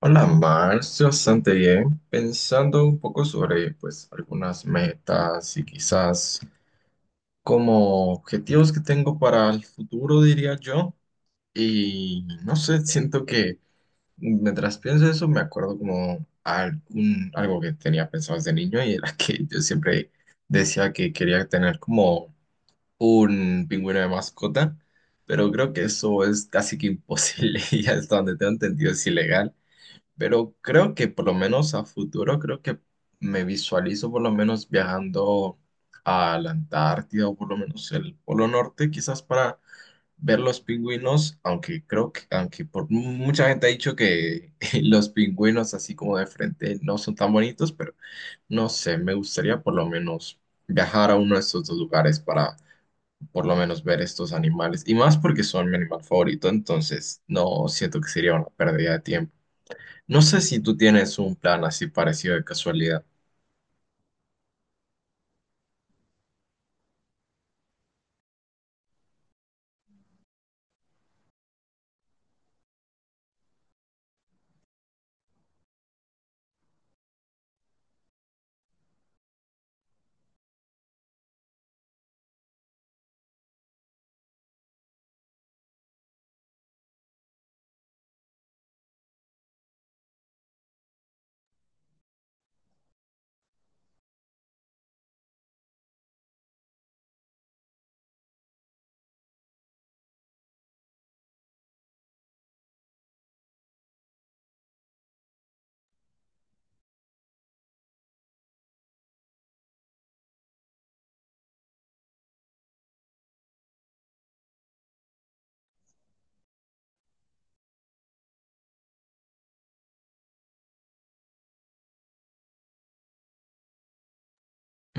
Hola, Marx, bastante bien. Pensando un poco sobre, pues, algunas metas y quizás como objetivos que tengo para el futuro, diría yo. Y no sé, siento que mientras pienso eso me acuerdo como algún, algo que tenía pensado desde niño y era que yo siempre decía que quería tener como un pingüino de mascota, pero creo que eso es casi que imposible y hasta donde tengo entendido es ilegal. Pero creo que por lo menos a futuro, creo que me visualizo por lo menos viajando a la Antártida o por lo menos el Polo Norte, quizás para ver los pingüinos, aunque creo que, aunque por mucha gente ha dicho que los pingüinos así como de frente no son tan bonitos, pero no sé, me gustaría por lo menos viajar a uno de estos dos lugares para por lo menos ver estos animales, y más porque son mi animal favorito, entonces no siento que sería una pérdida de tiempo. No sé si tú tienes un plan así parecido de casualidad.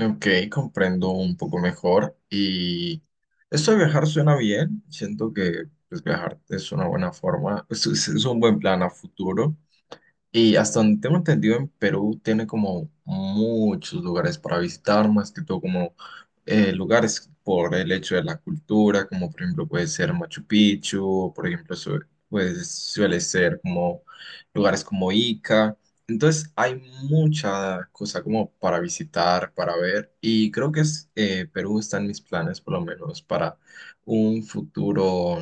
Ok, comprendo un poco mejor. Y esto de viajar suena bien. Siento que pues, viajar es una buena forma, es un buen plan a futuro. Y hasta donde tengo entendido, en Perú tiene como muchos lugares para visitar, más que todo como lugares por el hecho de la cultura, como por ejemplo puede ser Machu Picchu, o por ejemplo pues, suele ser como lugares como Ica. Entonces hay mucha cosa como para visitar, para ver, y creo que es, Perú está en mis planes por lo menos para un futuro,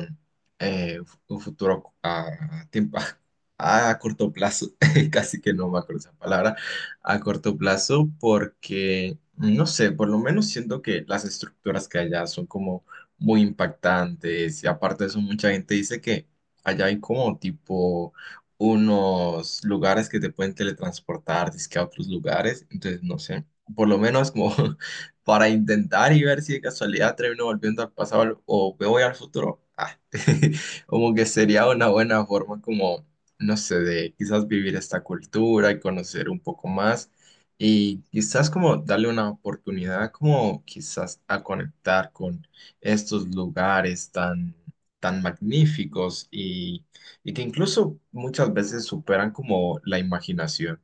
eh, un futuro a tiempo, a corto plazo. Casi que no me acuerdo esa palabra, a corto plazo, porque, no sé, por lo menos siento que las estructuras que hay allá son como muy impactantes y aparte de eso mucha gente dice que allá hay como tipo unos lugares que te pueden teletransportar, dizque a otros lugares, entonces no sé, por lo menos como para intentar y ver si de casualidad termino volviendo al pasado o me voy al futuro. Como que sería una buena forma como no sé, de quizás vivir esta cultura y conocer un poco más y quizás como darle una oportunidad como quizás a conectar con estos lugares tan, tan magníficos y que incluso muchas veces superan como la imaginación.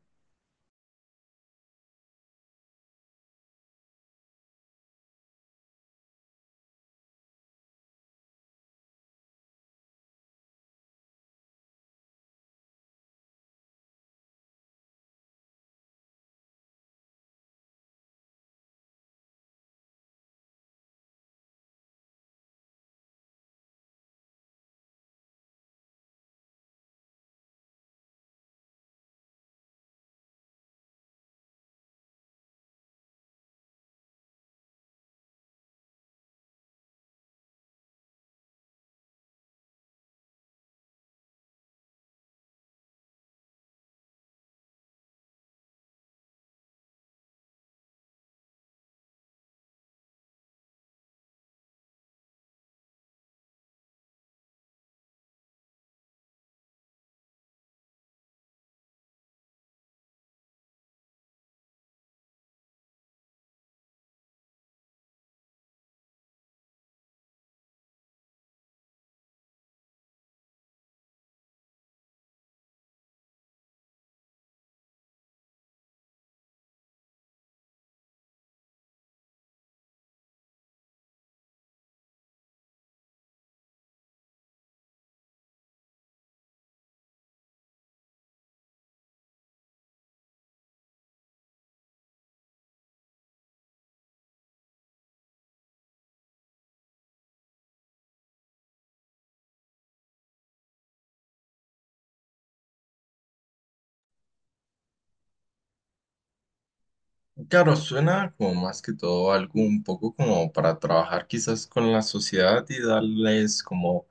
Claro, suena como más que todo algo un poco como para trabajar quizás con la sociedad y darles como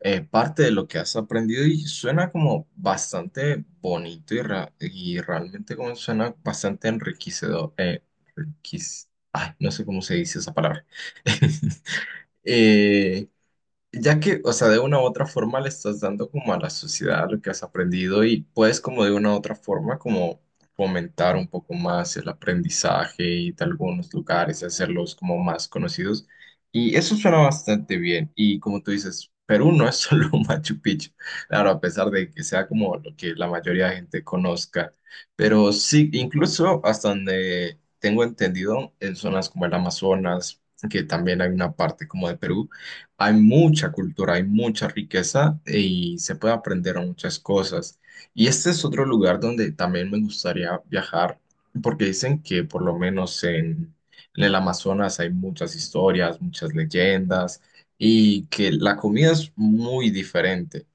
parte de lo que has aprendido y suena como bastante bonito y, y realmente como suena bastante enriquecedor. Enriquec- Ay, no sé cómo se dice esa palabra. Eh, ya que, o sea, de una u otra forma le estás dando como a la sociedad lo que has aprendido y puedes como de una u otra forma como fomentar un poco más el aprendizaje y de algunos lugares hacerlos como más conocidos. Y eso suena bastante bien. Y como tú dices, Perú no es solo Machu Picchu. Claro, a pesar de que sea como lo que la mayoría de gente conozca. Pero sí, incluso hasta donde tengo entendido, en zonas como el Amazonas, que también hay una parte como de Perú hay mucha cultura, hay mucha riqueza y se puede aprender muchas cosas. Y este es otro lugar donde también me gustaría viajar, porque dicen que por lo menos en el Amazonas hay muchas historias, muchas leyendas y que la comida es muy diferente.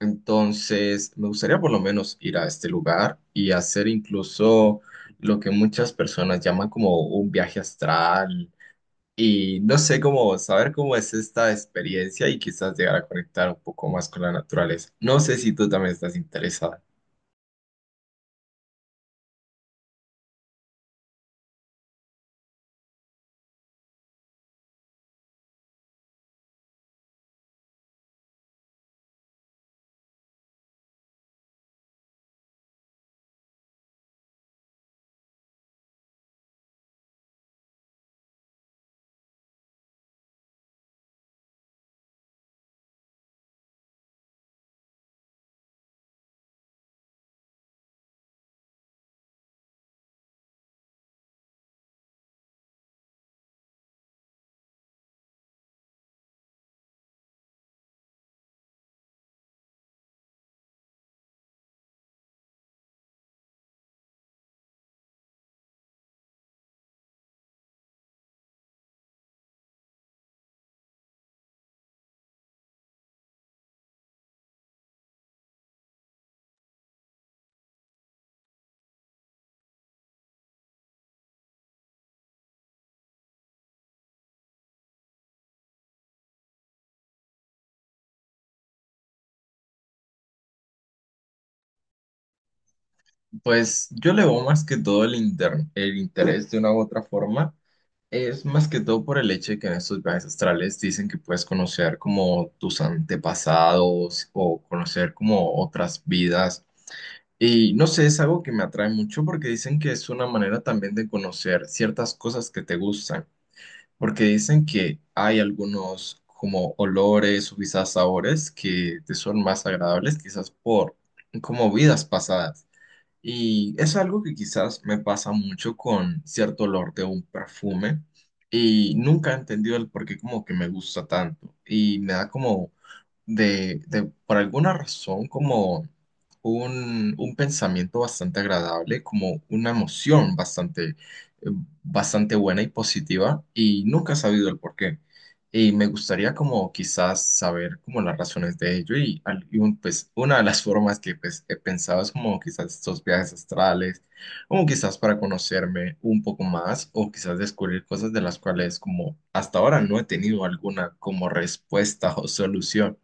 Entonces, me gustaría por lo menos ir a este lugar y hacer incluso lo que muchas personas llaman como un viaje astral y no sé cómo saber cómo es esta experiencia y quizás llegar a conectar un poco más con la naturaleza. No sé si tú también estás interesada. Pues yo le veo más que todo el interés de una u otra forma. Es más que todo por el hecho de que en estos viajes astrales dicen que puedes conocer como tus antepasados o conocer como otras vidas. Y no sé, es algo que me atrae mucho porque dicen que es una manera también de conocer ciertas cosas que te gustan. Porque dicen que hay algunos como olores o quizás sabores que te son más agradables, quizás por como vidas pasadas. Y es algo que quizás me pasa mucho con cierto olor de un perfume y nunca he entendido el por qué como que me gusta tanto. Y me da como por alguna razón, como un pensamiento bastante agradable, como una emoción bastante, eh, bastante buena y positiva, y nunca he sabido el por qué. Y me gustaría como quizás saber como las razones de ello y pues una de las formas que pues, he pensado es como quizás estos viajes astrales, como quizás para conocerme un poco más o quizás descubrir cosas de las cuales como hasta ahora no he tenido alguna como respuesta o solución.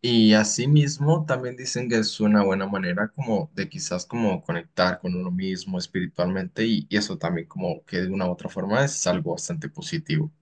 Y asimismo también dicen que es una buena manera como de quizás como conectar con uno mismo espiritualmente y eso también como que de una u otra forma es algo bastante positivo.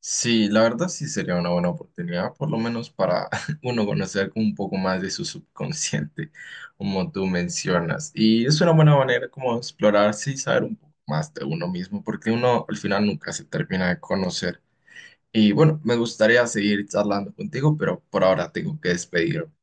Sí, la verdad sí sería una buena oportunidad, por lo menos para uno conocer un poco más de su subconsciente, como tú mencionas. Y es una buena manera como de explorarse y saber un poco más de uno mismo, porque uno al final nunca se termina de conocer. Y bueno, me gustaría seguir charlando contigo, pero por ahora tengo que despedirme.